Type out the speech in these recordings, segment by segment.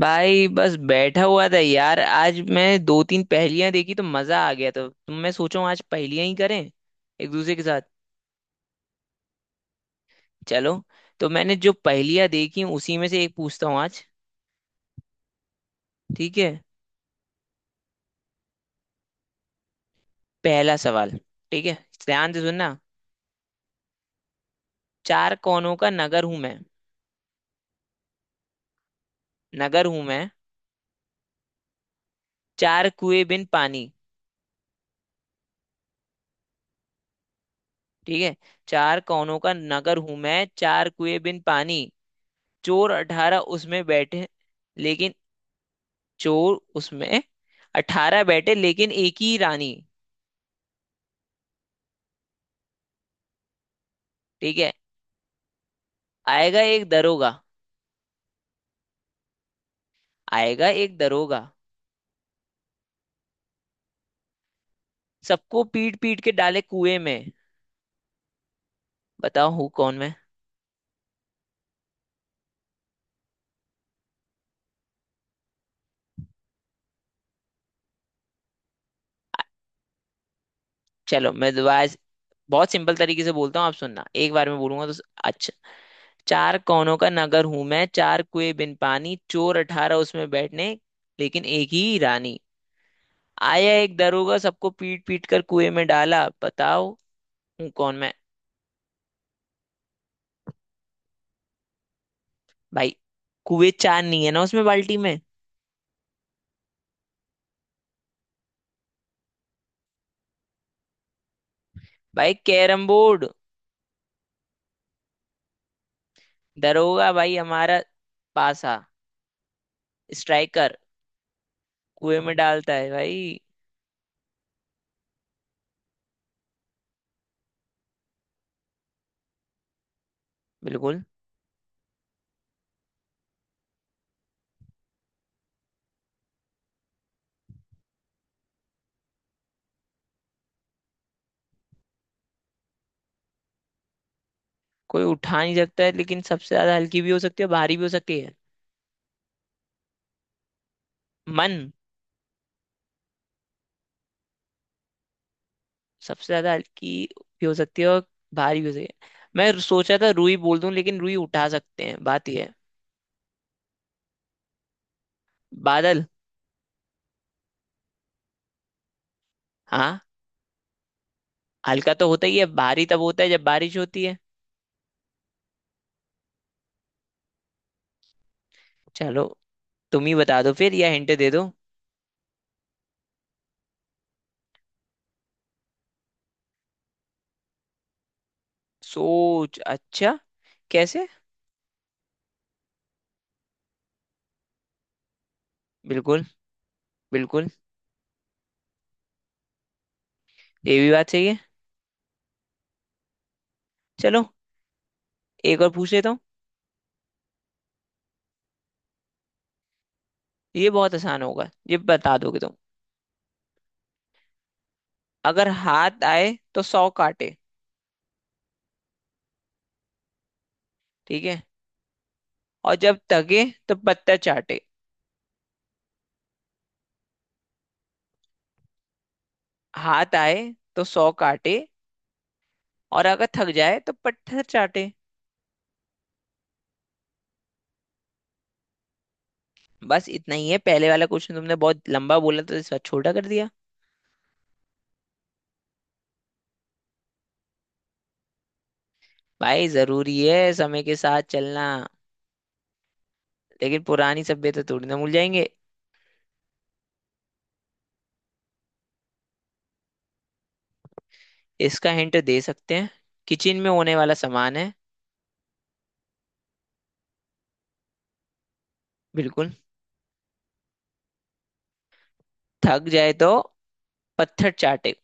भाई बस बैठा हुआ था यार। आज मैं दो तीन पहेलियां देखी तो मजा आ गया, तो तुम मैं सोचूं आज पहेलियां ही करें एक दूसरे के साथ। चलो, तो मैंने जो पहेलियां देखी हैं, उसी में से एक पूछता हूँ आज। ठीक है, पहला सवाल। ठीक है, ध्यान से सुनना। चार कोनों का नगर हूं मैं, नगर हूं मैं, चार कुएं बिन पानी। ठीक है, चार कोनों का नगर हूं मैं, चार कुएं बिन पानी, चोर 18 उसमें बैठे, लेकिन चोर उसमें 18 बैठे, लेकिन एक ही रानी। ठीक है, आएगा एक दरोगा, आएगा एक दरोगा, सबको पीट पीट के डाले कुएं में। बताओ हूँ कौन मैं। आ- चलो मैं दोबारा बहुत सिंपल तरीके से बोलता हूँ, आप सुनना, एक बार में बोलूंगा। अच्छा, चार कोनों का नगर हूं मैं, चार कुएं बिन पानी, चोर अठारह उसमें बैठने, लेकिन एक ही रानी। आया एक दरोगा, सबको पीट पीट कर कुएं में डाला। बताओ हूँ कौन मैं। भाई कुएं चार नहीं है ना, उसमें बाल्टी में। भाई कैरम बोर्ड। दरोगा भाई हमारा पासा। स्ट्राइकर कुएं में डालता है भाई। बिल्कुल। कोई उठा नहीं सकता है, लेकिन सबसे ज्यादा हल्की भी हो सकती है, भारी भी हो सकती है। मन। सबसे ज्यादा हल्की भी हो सकती है और भारी भी हो सकती है। मैं सोचा था रुई बोल दूं, लेकिन रुई उठा सकते हैं, बात यह है। बादल। हाँ, हल्का तो होता ही है, भारी तब होता है जब बारिश होती है। चलो, तुम ही बता दो फिर, या हिंट दे दो। सोच? अच्छा, कैसे? बिल्कुल बिल्कुल। ये भी बात सही है। चलो, एक और पूछ लेता हूँ। ये बहुत आसान होगा, ये बता दोगे तुम। अगर हाथ आए तो 100 काटे। ठीक है, और जब थके तो पत्थर चाटे। हाथ आए तो सौ काटे, और अगर थक जाए तो पत्थर चाटे। बस इतना ही है। पहले वाला क्वेश्चन तुमने बहुत लंबा बोला, तो इस बार छोटा कर दिया। भाई जरूरी है समय के साथ चलना, लेकिन पुरानी सभ्यता थोड़ी ना भूल जाएंगे। इसका हिंट दे सकते हैं। किचन में होने वाला सामान है। बिल्कुल। थक जाए तो पत्थर चाटे।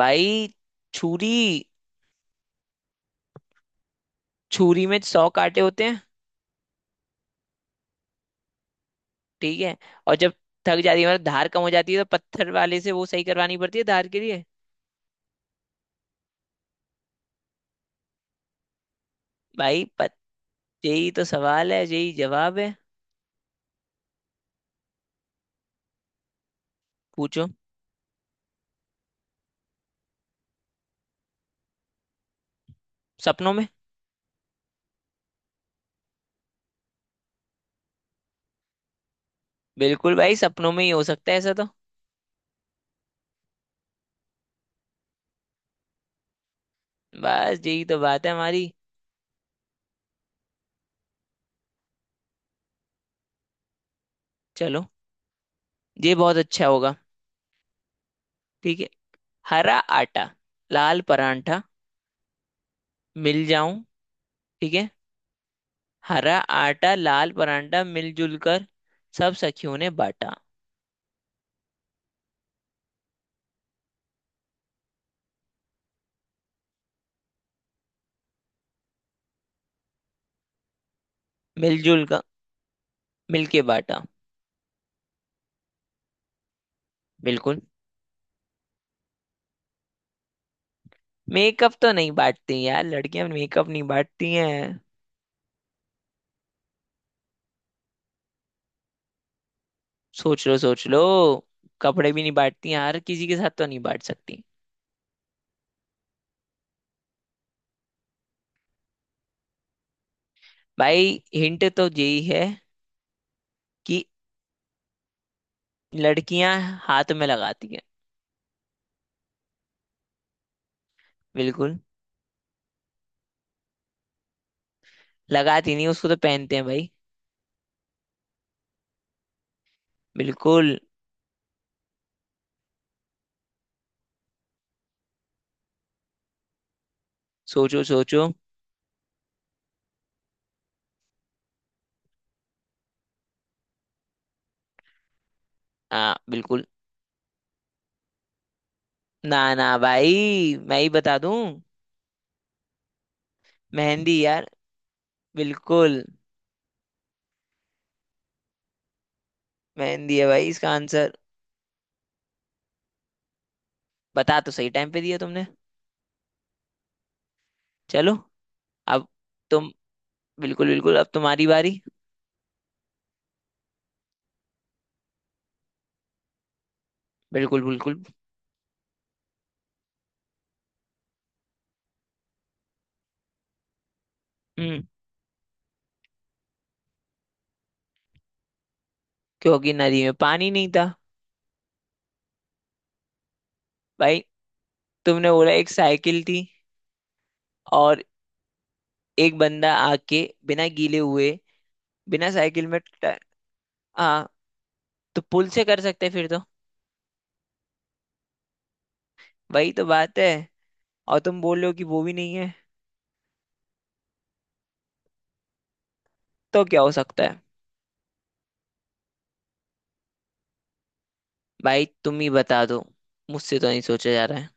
भाई छुरी। छुरी में 100 कांटे होते हैं। ठीक है, और जब थक जाती है मतलब धार कम हो जाती है, तो पत्थर वाले से वो सही करवानी पड़ती है धार के लिए। भाई पत यही तो सवाल है, यही जवाब है। पूछो। सपनों में। बिल्कुल भाई, सपनों में ही हो सकता है ऐसा तो। बस यही तो बात है हमारी। चलो, ये बहुत अच्छा होगा। ठीक है, हरा आटा, लाल परांठा, मिल जाऊं। ठीक है, हरा आटा लाल परांठा मिलजुल कर, सब सखियों ने बांटा। मिलजुल का, मिलके बांटा। बिल्कुल। मेकअप तो नहीं बांटती यार, लड़कियां मेकअप नहीं बांटती हैं। सोच लो सोच लो। कपड़े भी नहीं बांटती हैं हर किसी के साथ, तो नहीं बांट सकती। भाई हिंट तो यही है कि लड़कियां हाथ में लगाती हैं। बिल्कुल। लगाती नहीं, उसको तो पहनते हैं भाई। बिल्कुल। सोचो सोचो। हाँ बिल्कुल। ना ना भाई, मैं ही बता दूं। मेहंदी यार। बिल्कुल। मेहंदी है भाई इसका आंसर। बता तो सही टाइम पे दिया तुमने। चलो, अब तुम। बिल्कुल बिल्कुल, अब तुम्हारी बारी। बिल्कुल बिल्कुल। हम्म। क्योंकि नदी में पानी नहीं था। भाई तुमने बोला एक साइकिल थी, और एक बंदा आके बिना गीले हुए, बिना साइकिल में ट- हाँ, तो पुल से कर सकते हैं फिर तो। वही तो बात है, और तुम बोल रहे हो कि वो भी नहीं है, तो क्या हो सकता है? भाई तुम ही बता दो, मुझसे तो नहीं सोचा जा रहा है।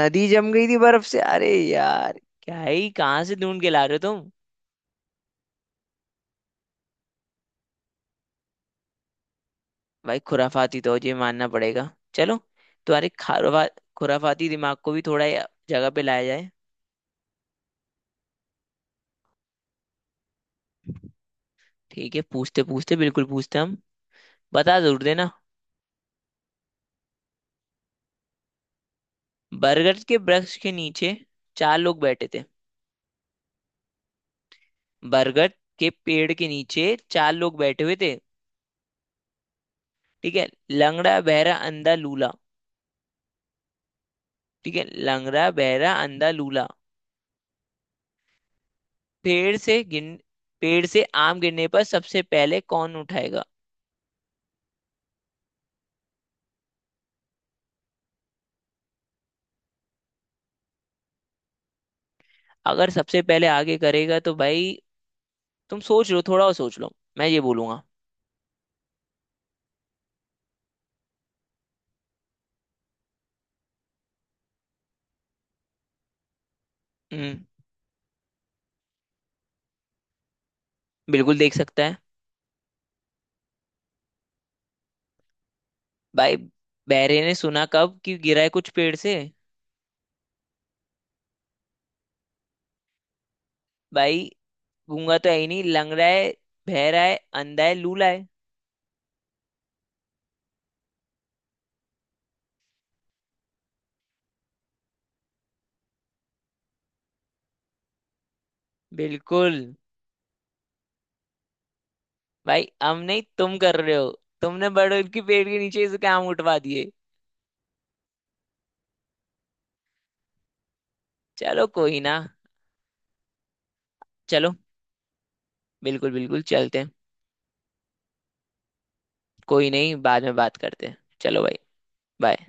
नदी जम गई थी बर्फ से? अरे यार, क्या ही कहाँ से ढूंढ के ला रहे हो तुम। भाई खुराफाती तो ये मानना पड़ेगा। चलो, तुम्हारे खारवा खुराफाती दिमाग को भी थोड़ा जगह पे लाया जाए। ठीक है, पूछते पूछते बिल्कुल पूछते हम। बता जरूर देना। बरगद के वृक्ष के नीचे चार लोग बैठे थे। बरगद के पेड़ के नीचे चार लोग बैठे हुए थे। ठीक है, लंगड़ा बहरा अंधा लूला। ठीक है, लंगड़ा बहरा अंधा लूला। पेड़ से गिन, पेड़ से आम गिरने पर सबसे पहले कौन उठाएगा? अगर सबसे पहले आगे करेगा तो भाई तुम सोच लो। थोड़ा और सोच लो, मैं ये बोलूंगा। हम्म। बिल्कुल देख सकता है। भाई बहरे ने सुना कब कि गिरा है कुछ पेड़ से? भाई गूंगा तो है ही नहीं, लंगड़ा है, बहरा है, अंधा है, लूला है। बिल्कुल। भाई हम नहीं, तुम कर रहे हो। तुमने बड़गद के पेड़ के नीचे से काम उठवा दिए। चलो कोई ना। चलो, बिल्कुल बिल्कुल चलते हैं। कोई नहीं, बाद में बात करते हैं। चलो भाई, बाय।